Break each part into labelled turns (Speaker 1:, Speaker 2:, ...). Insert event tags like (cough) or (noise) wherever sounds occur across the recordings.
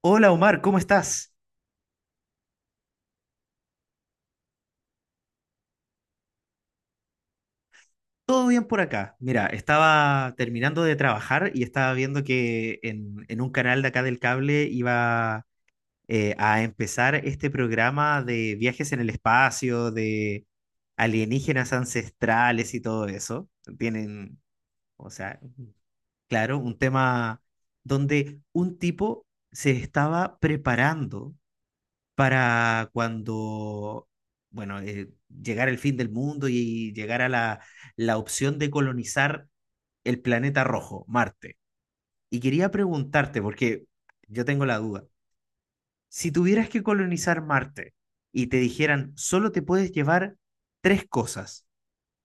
Speaker 1: Hola Omar, ¿cómo estás? ¿Todo bien por acá? Mira, estaba terminando de trabajar y estaba viendo que en un canal de acá del cable iba a empezar este programa de viajes en el espacio, de alienígenas ancestrales y todo eso. Tienen, o sea, claro, un tema donde un tipo se estaba preparando para cuando, bueno, llegar el fin del mundo y llegar a la opción de colonizar el planeta rojo, Marte. Y quería preguntarte, porque yo tengo la duda, si tuvieras que colonizar Marte y te dijeran, solo te puedes llevar tres cosas,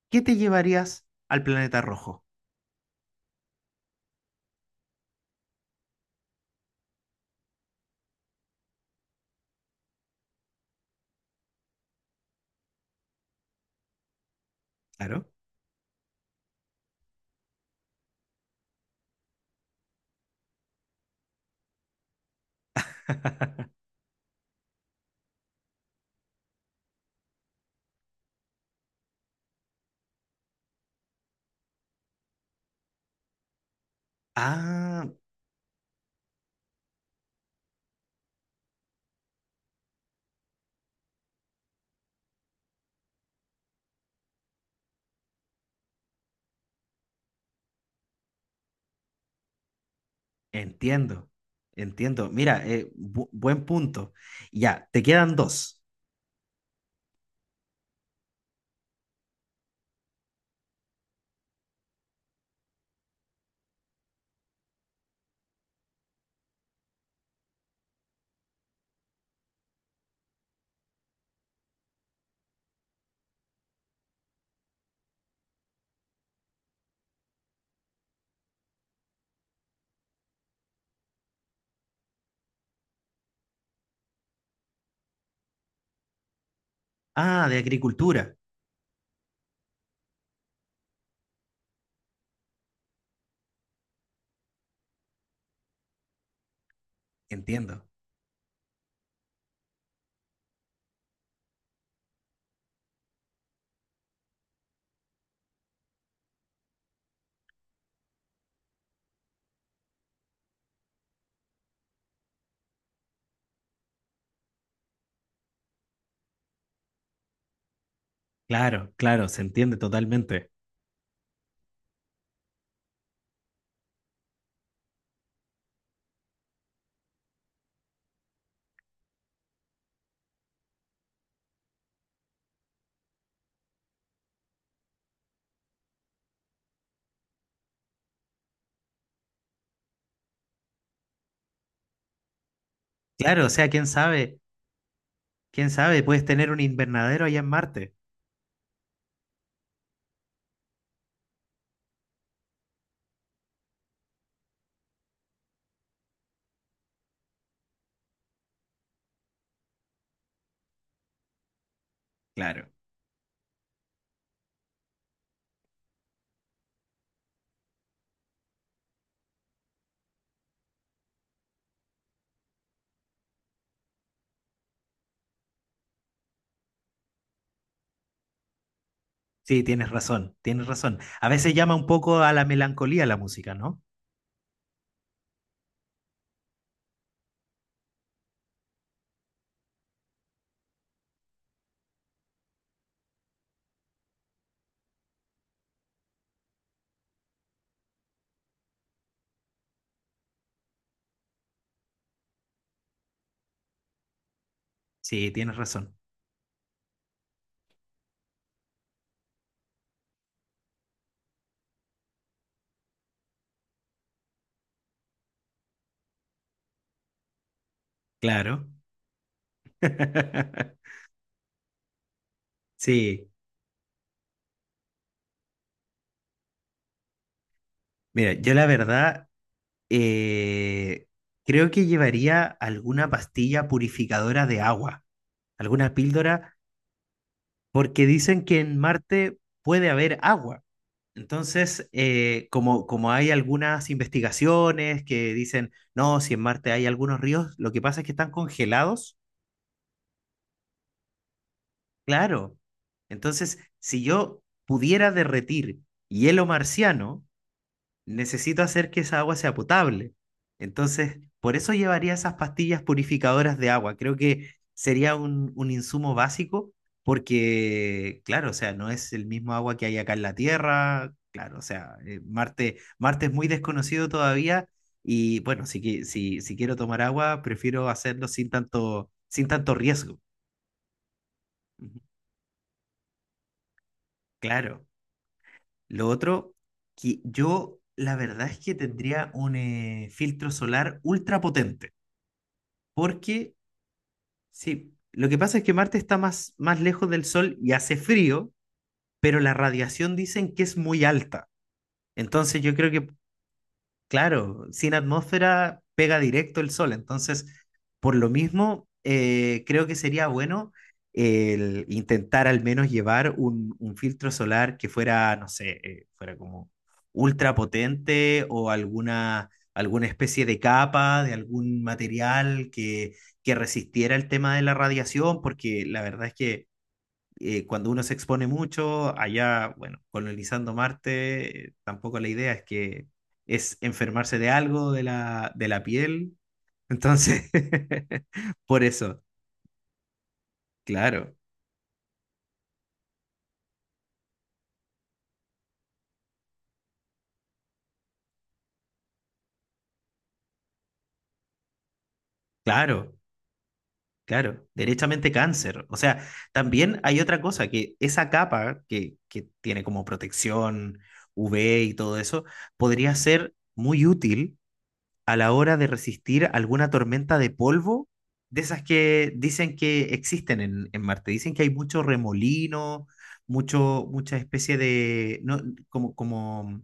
Speaker 1: ¿qué te llevarías al planeta rojo? Claro. (laughs) Ah, entiendo, entiendo. Mira, buen punto. Ya, te quedan dos. Ah, de agricultura. Entiendo. Claro, claro, se entiende totalmente. Claro, o sea, quién sabe, puedes tener un invernadero allá en Marte. Claro. Sí, tienes razón, tienes razón. A veces llama un poco a la melancolía la música, ¿no? Sí, tienes razón. Claro. (laughs) Sí. Mira, yo la verdad eh, creo que llevaría alguna pastilla purificadora de agua, alguna píldora, porque dicen que en Marte puede haber agua. Entonces, como hay algunas investigaciones que dicen, no, si en Marte hay algunos ríos, lo que pasa es que están congelados, claro. Entonces, si yo pudiera derretir hielo marciano, necesito hacer que esa agua sea potable. Entonces, por eso llevaría esas pastillas purificadoras de agua. Creo que sería un insumo básico porque, claro, o sea, no es el mismo agua que hay acá en la Tierra. Claro, o sea, Marte, Marte es muy desconocido todavía y bueno, si quiero tomar agua, prefiero hacerlo sin tanto riesgo. Ujú. Claro. Lo otro, que yo la verdad es que tendría un filtro solar ultra potente. Porque, sí, lo que pasa es que Marte está más lejos del Sol y hace frío, pero la radiación dicen que es muy alta. Entonces yo creo que claro, sin atmósfera pega directo el sol, entonces por lo mismo creo que sería bueno el intentar al menos llevar un filtro solar que fuera, no sé, fuera como ultra potente o alguna especie de capa de algún material que resistiera el tema de la radiación, porque la verdad es que cuando uno se expone mucho, allá, bueno, colonizando Marte, tampoco la idea es que es enfermarse de algo de de la piel. Entonces, (laughs) por eso, claro, claro, claro, derechamente cáncer. O sea, también hay otra cosa, que esa capa que tiene como protección UV y todo eso, podría ser muy útil a la hora de resistir alguna tormenta de polvo, de esas que dicen que existen en Marte. Dicen que hay mucho remolino, mucha especie de, no, como, como,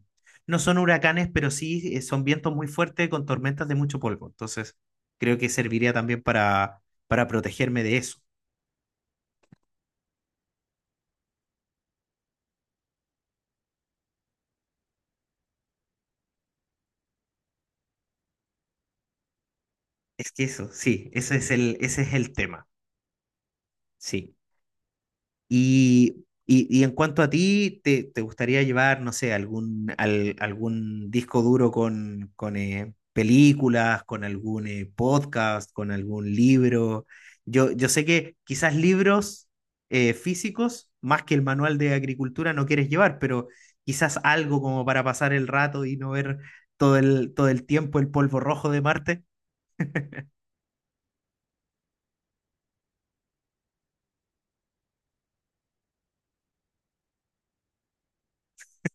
Speaker 1: no son huracanes, pero sí son vientos muy fuertes con tormentas de mucho polvo. Entonces, creo que serviría también para protegerme de eso. Es que eso, sí, ese es ese es el tema. Sí. Y en cuanto a ti, ¿te, te gustaría llevar, no sé, algún disco duro con películas, con algún podcast, con algún libro? Yo sé que quizás libros físicos, más que el manual de agricultura, no quieres llevar, pero quizás algo como para pasar el rato y no ver todo el tiempo el polvo rojo de Marte.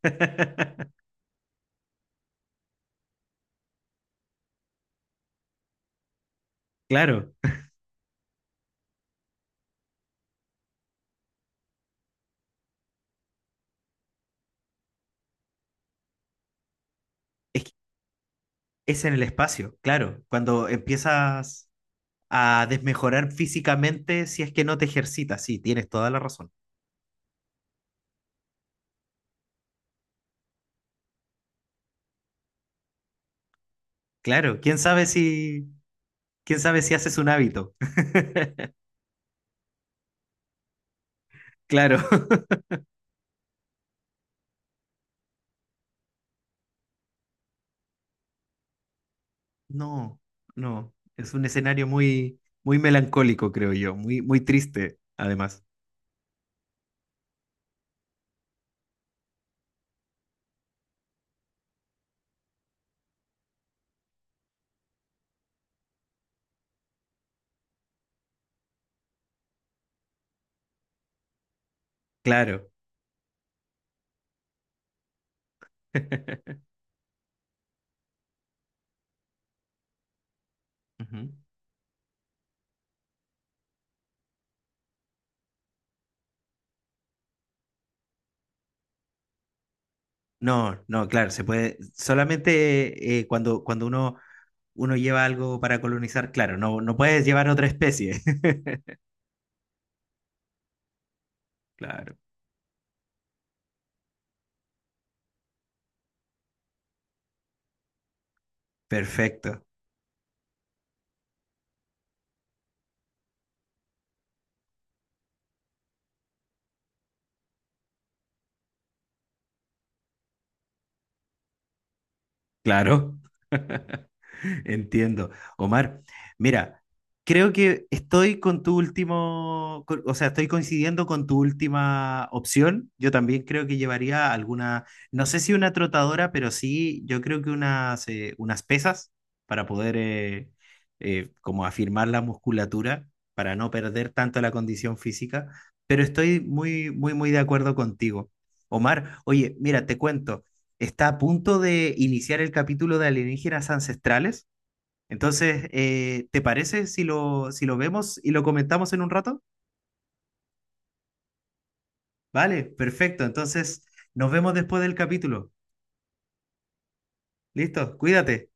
Speaker 1: (laughs) Claro, es, es en el espacio, claro. Cuando empiezas... a desmejorar físicamente si es que no te ejercitas. Sí, tienes toda la razón. Claro, quién sabe si haces un hábito. (laughs) Claro. No, no, es un escenario muy melancólico, creo yo, muy triste, además. Claro. (laughs) Ujú. No, no, claro, se puede. Solamente cuando uno, uno lleva algo para colonizar, claro, no, no puedes llevar otra especie. (laughs) Claro, perfecto. Claro. (laughs) Entiendo. Omar, mira, creo que estoy con tu último, con- o sea, estoy coincidiendo con tu última opción. Yo también creo que llevaría alguna, no sé si una trotadora, pero sí, yo creo que unas, unas pesas para poder como afirmar la musculatura, para no perder tanto la condición física. Pero estoy muy, muy, muy de acuerdo contigo. Omar, oye, mira, te cuento, está a punto de iniciar el capítulo de alienígenas ancestrales. Entonces, ¿te parece si lo, si lo vemos y lo comentamos en un rato? Vale, perfecto. Entonces, nos vemos después del capítulo. Listo, cuídate.